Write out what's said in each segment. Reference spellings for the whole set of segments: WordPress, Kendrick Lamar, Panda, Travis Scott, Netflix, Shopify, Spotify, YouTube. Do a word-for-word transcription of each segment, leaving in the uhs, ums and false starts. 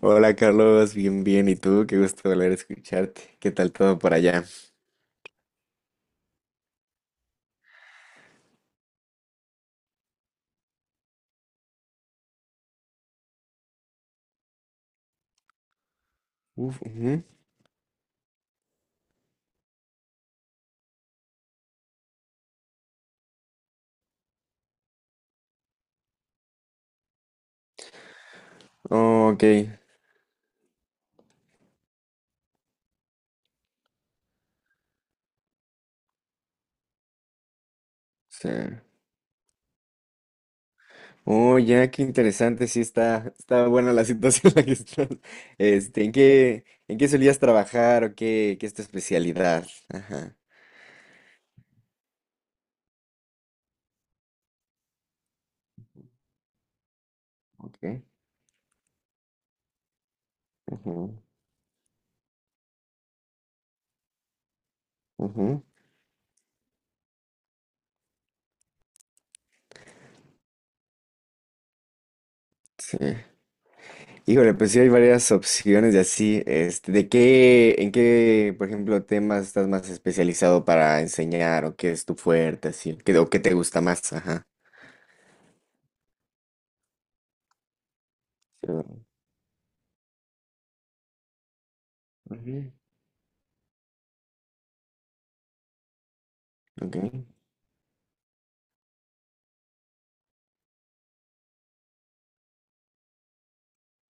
Hola Carlos, bien, bien. ¿Y tú? Qué gusto volver a escucharte. ¿Qué tal todo por allá? Uf, ujú. Oh, ok. O sea, oh, ya, qué interesante. Sí, está, está buena la situación en la que estás. Este, ¿en qué, en qué solías trabajar o qué, qué es tu especialidad? Ajá, ok. Ujú, ujú. Sí. Híjole, pues sí hay varias opciones de así. Este, ¿de qué, en qué, por ejemplo, temas estás más especializado para enseñar o qué es tu fuerte, así, qué, o qué te gusta más? Ajá. Yo- Ujú, ok,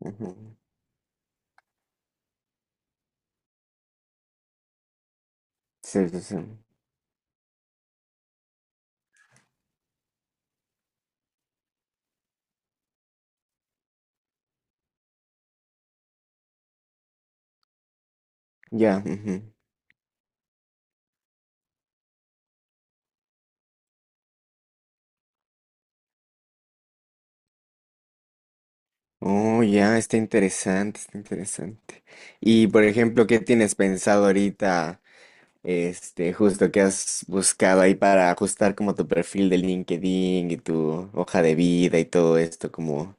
ujú. Sí, sí, sí. Ya. Ujú. Oh, ya, está interesante, está interesante. Y por ejemplo, ¿qué tienes pensado ahorita? Este, justo que has buscado ahí para ajustar como tu perfil de LinkedIn y tu hoja de vida y todo esto, como,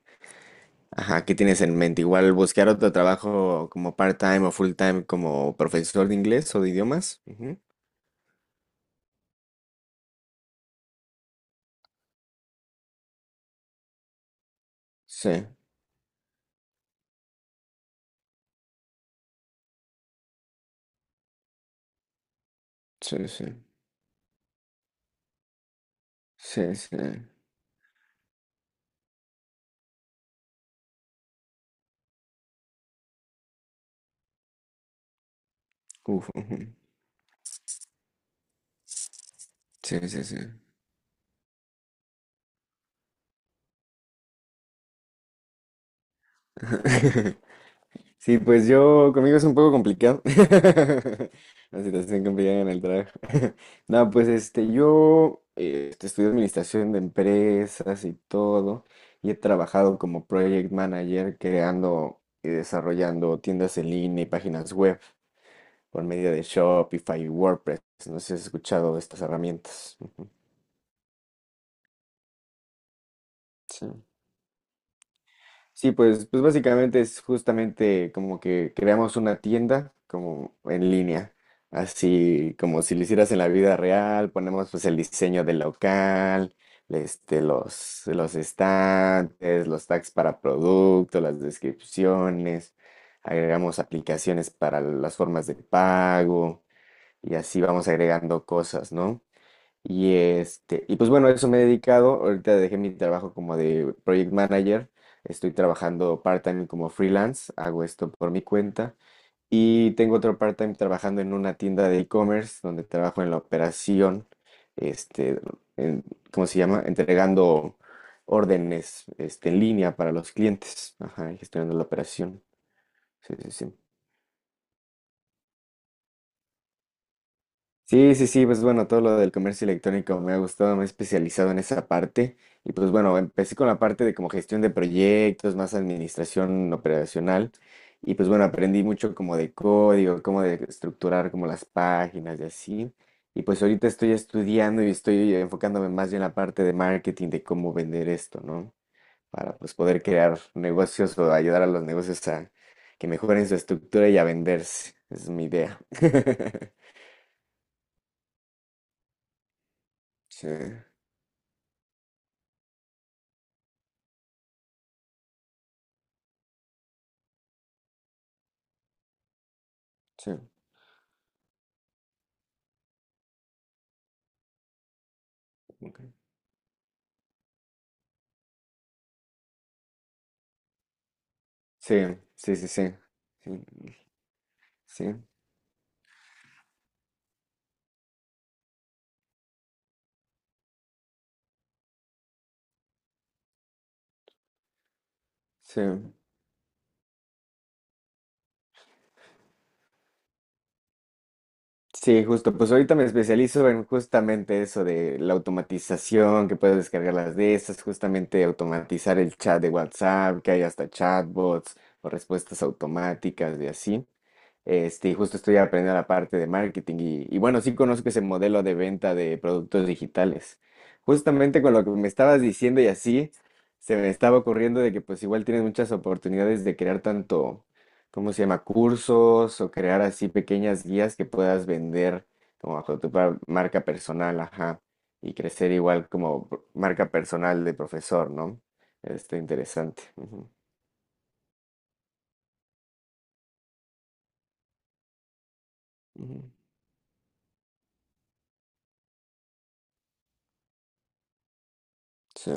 ajá, ¿qué tienes en mente? Igual buscar otro trabajo como part-time o full-time como profesor de inglés o de idiomas. Ujú. Sí, sí, sí. Sí, sí. Uf, ujú. Sí, sí, sí. Sí, pues yo, conmigo es un poco complicado. La situación complicada en el trabajo. No, pues este, yo eh, este, estudié administración de empresas y todo, y he trabajado como project manager creando y desarrollando tiendas en línea y páginas web por medio de Shopify y WordPress. No sé si has escuchado de estas herramientas. Ujú. Sí. Sí, pues, pues básicamente es justamente como que creamos una tienda como en línea, así como si lo hicieras en la vida real, ponemos pues el diseño del local, este, los, los estantes, los tags para producto, las descripciones, agregamos aplicaciones para las formas de pago y así vamos agregando cosas, ¿no? Y este, y pues bueno, a eso me he dedicado. Ahorita dejé mi trabajo como de project manager. Estoy trabajando part-time como freelance. Hago esto por mi cuenta. Y tengo otro part-time trabajando en una tienda de e-commerce donde trabajo en la operación, este, en- ¿cómo se llama? Entregando órdenes, este, en línea para los clientes. Ajá, y gestionando la operación. Sí, sí, sí. Sí, sí, sí, pues bueno, todo lo del comercio electrónico me ha gustado, me he especializado en esa parte y pues bueno, empecé con la parte de como gestión de proyectos, más administración operacional y pues bueno, aprendí mucho como de código, cómo de estructurar como las páginas y así y pues ahorita estoy estudiando y estoy enfocándome más bien en la parte de marketing, de cómo vender esto, ¿no? Para pues poder crear negocios o ayudar a los negocios a que mejoren su estructura y a venderse, esa es mi idea. Sí. Sí. Ok. Sí, sí, sí, sí. Sí, sí, sí. Sí, justo. Pues ahorita me especializo en justamente eso de la automatización, que puedes descargar las de esas, justamente automatizar el chat de WhatsApp, que hay hasta chatbots o respuestas automáticas y así. Este, y justo estoy aprendiendo la parte de marketing y, y bueno, sí conozco ese modelo de venta de productos digitales. Justamente con lo que me estabas diciendo y así, se me estaba ocurriendo de que pues igual tienes muchas oportunidades de crear tanto, ¿cómo se llama? Cursos o crear así pequeñas guías que puedas vender como bajo tu par- marca personal, ajá, y crecer igual como pr- marca personal de profesor, ¿no? Está interesante. Ujú, ujú. Sí,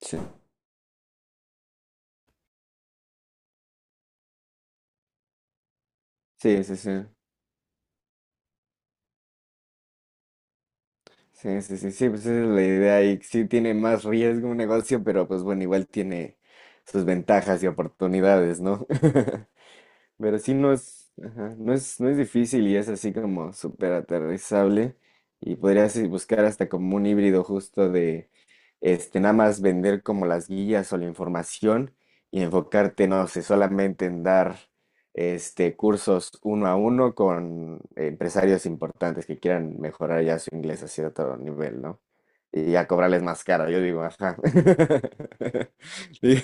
sí. Sí, sí, sí. Sí, sí, sí, sí, pues esa es la idea y sí tiene más riesgo un negocio, pero pues bueno, igual tiene sus ventajas y oportunidades, ¿no? Pero sí no es, ajá, no es, no es, difícil y es así como súper aterrizable. Y podrías eh, buscar hasta como un híbrido justo de este, nada más vender como las guías o la información y enfocarte, no sé, solamente en dar este cursos uno a uno con empresarios importantes que quieran mejorar ya su inglés a cierto nivel, ¿no? Y ya cobrarles más caro, yo digo, ajá. Sí.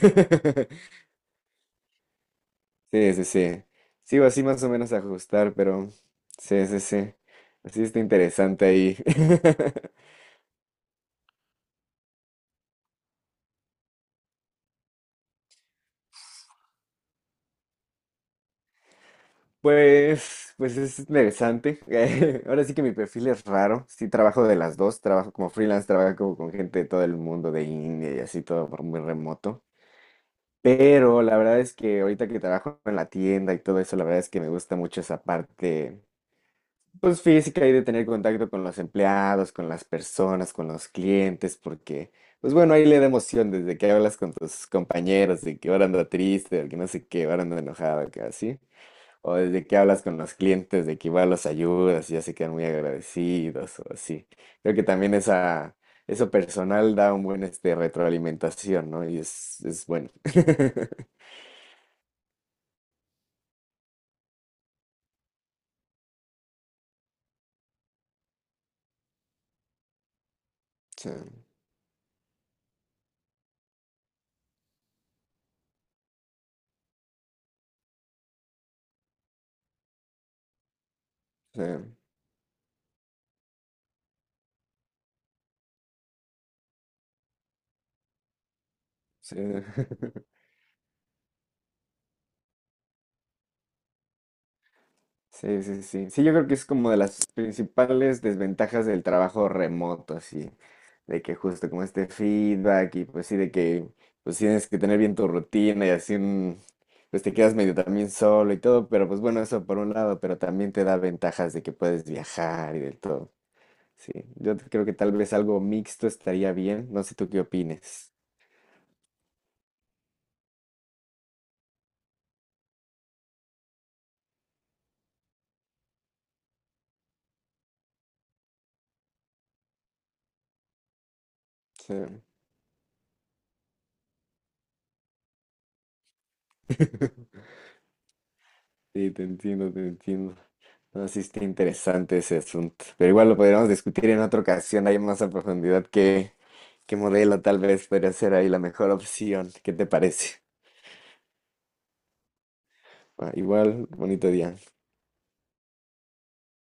Sí, sí, sí. Sigo así más o menos a ajustar, pero sí, sí, sí. Así está interesante ahí. Pues, pues es interesante. Ahora sí que mi perfil es raro. Sí, trabajo de las dos. Trabajo como freelance, trabajo con gente de todo el mundo, de India y así, todo por muy remoto. Pero la verdad es que ahorita que trabajo en la tienda y todo eso, la verdad es que me gusta mucho esa parte. Pues física y de tener contacto con los empleados, con las personas, con los clientes, porque, pues bueno, ahí le da emoción desde que hablas con tus compañeros de que ahora anda triste, de que no sé qué, ahora anda enojado, que así. O desde que hablas con los clientes de que igual los ayudas y ya se quedan muy agradecidos o así. Creo que también esa, eso personal da un buen este, retroalimentación, ¿no? Y es, es bueno. Sí, sí, sí. Sí, sí, sí. Sí, yo creo que es como de las principales desventajas del trabajo remoto, así, de que justo como este feedback y pues sí, de que pues tienes que tener bien tu rutina y así, un- pues te quedas medio también solo y todo, pero pues bueno, eso por un lado, pero también te da ventajas de que puedes viajar y de todo. Sí, yo creo que tal vez algo mixto estaría bien, no sé tú qué opines. Sí, sí, te entiendo, te entiendo. No, sí está interesante ese asunto. Pero igual lo podríamos discutir en otra ocasión, hay más a profundidad qué, qué, modelo tal vez podría ser ahí la mejor opción. ¿Qué te parece? Ah, igual, bonito día.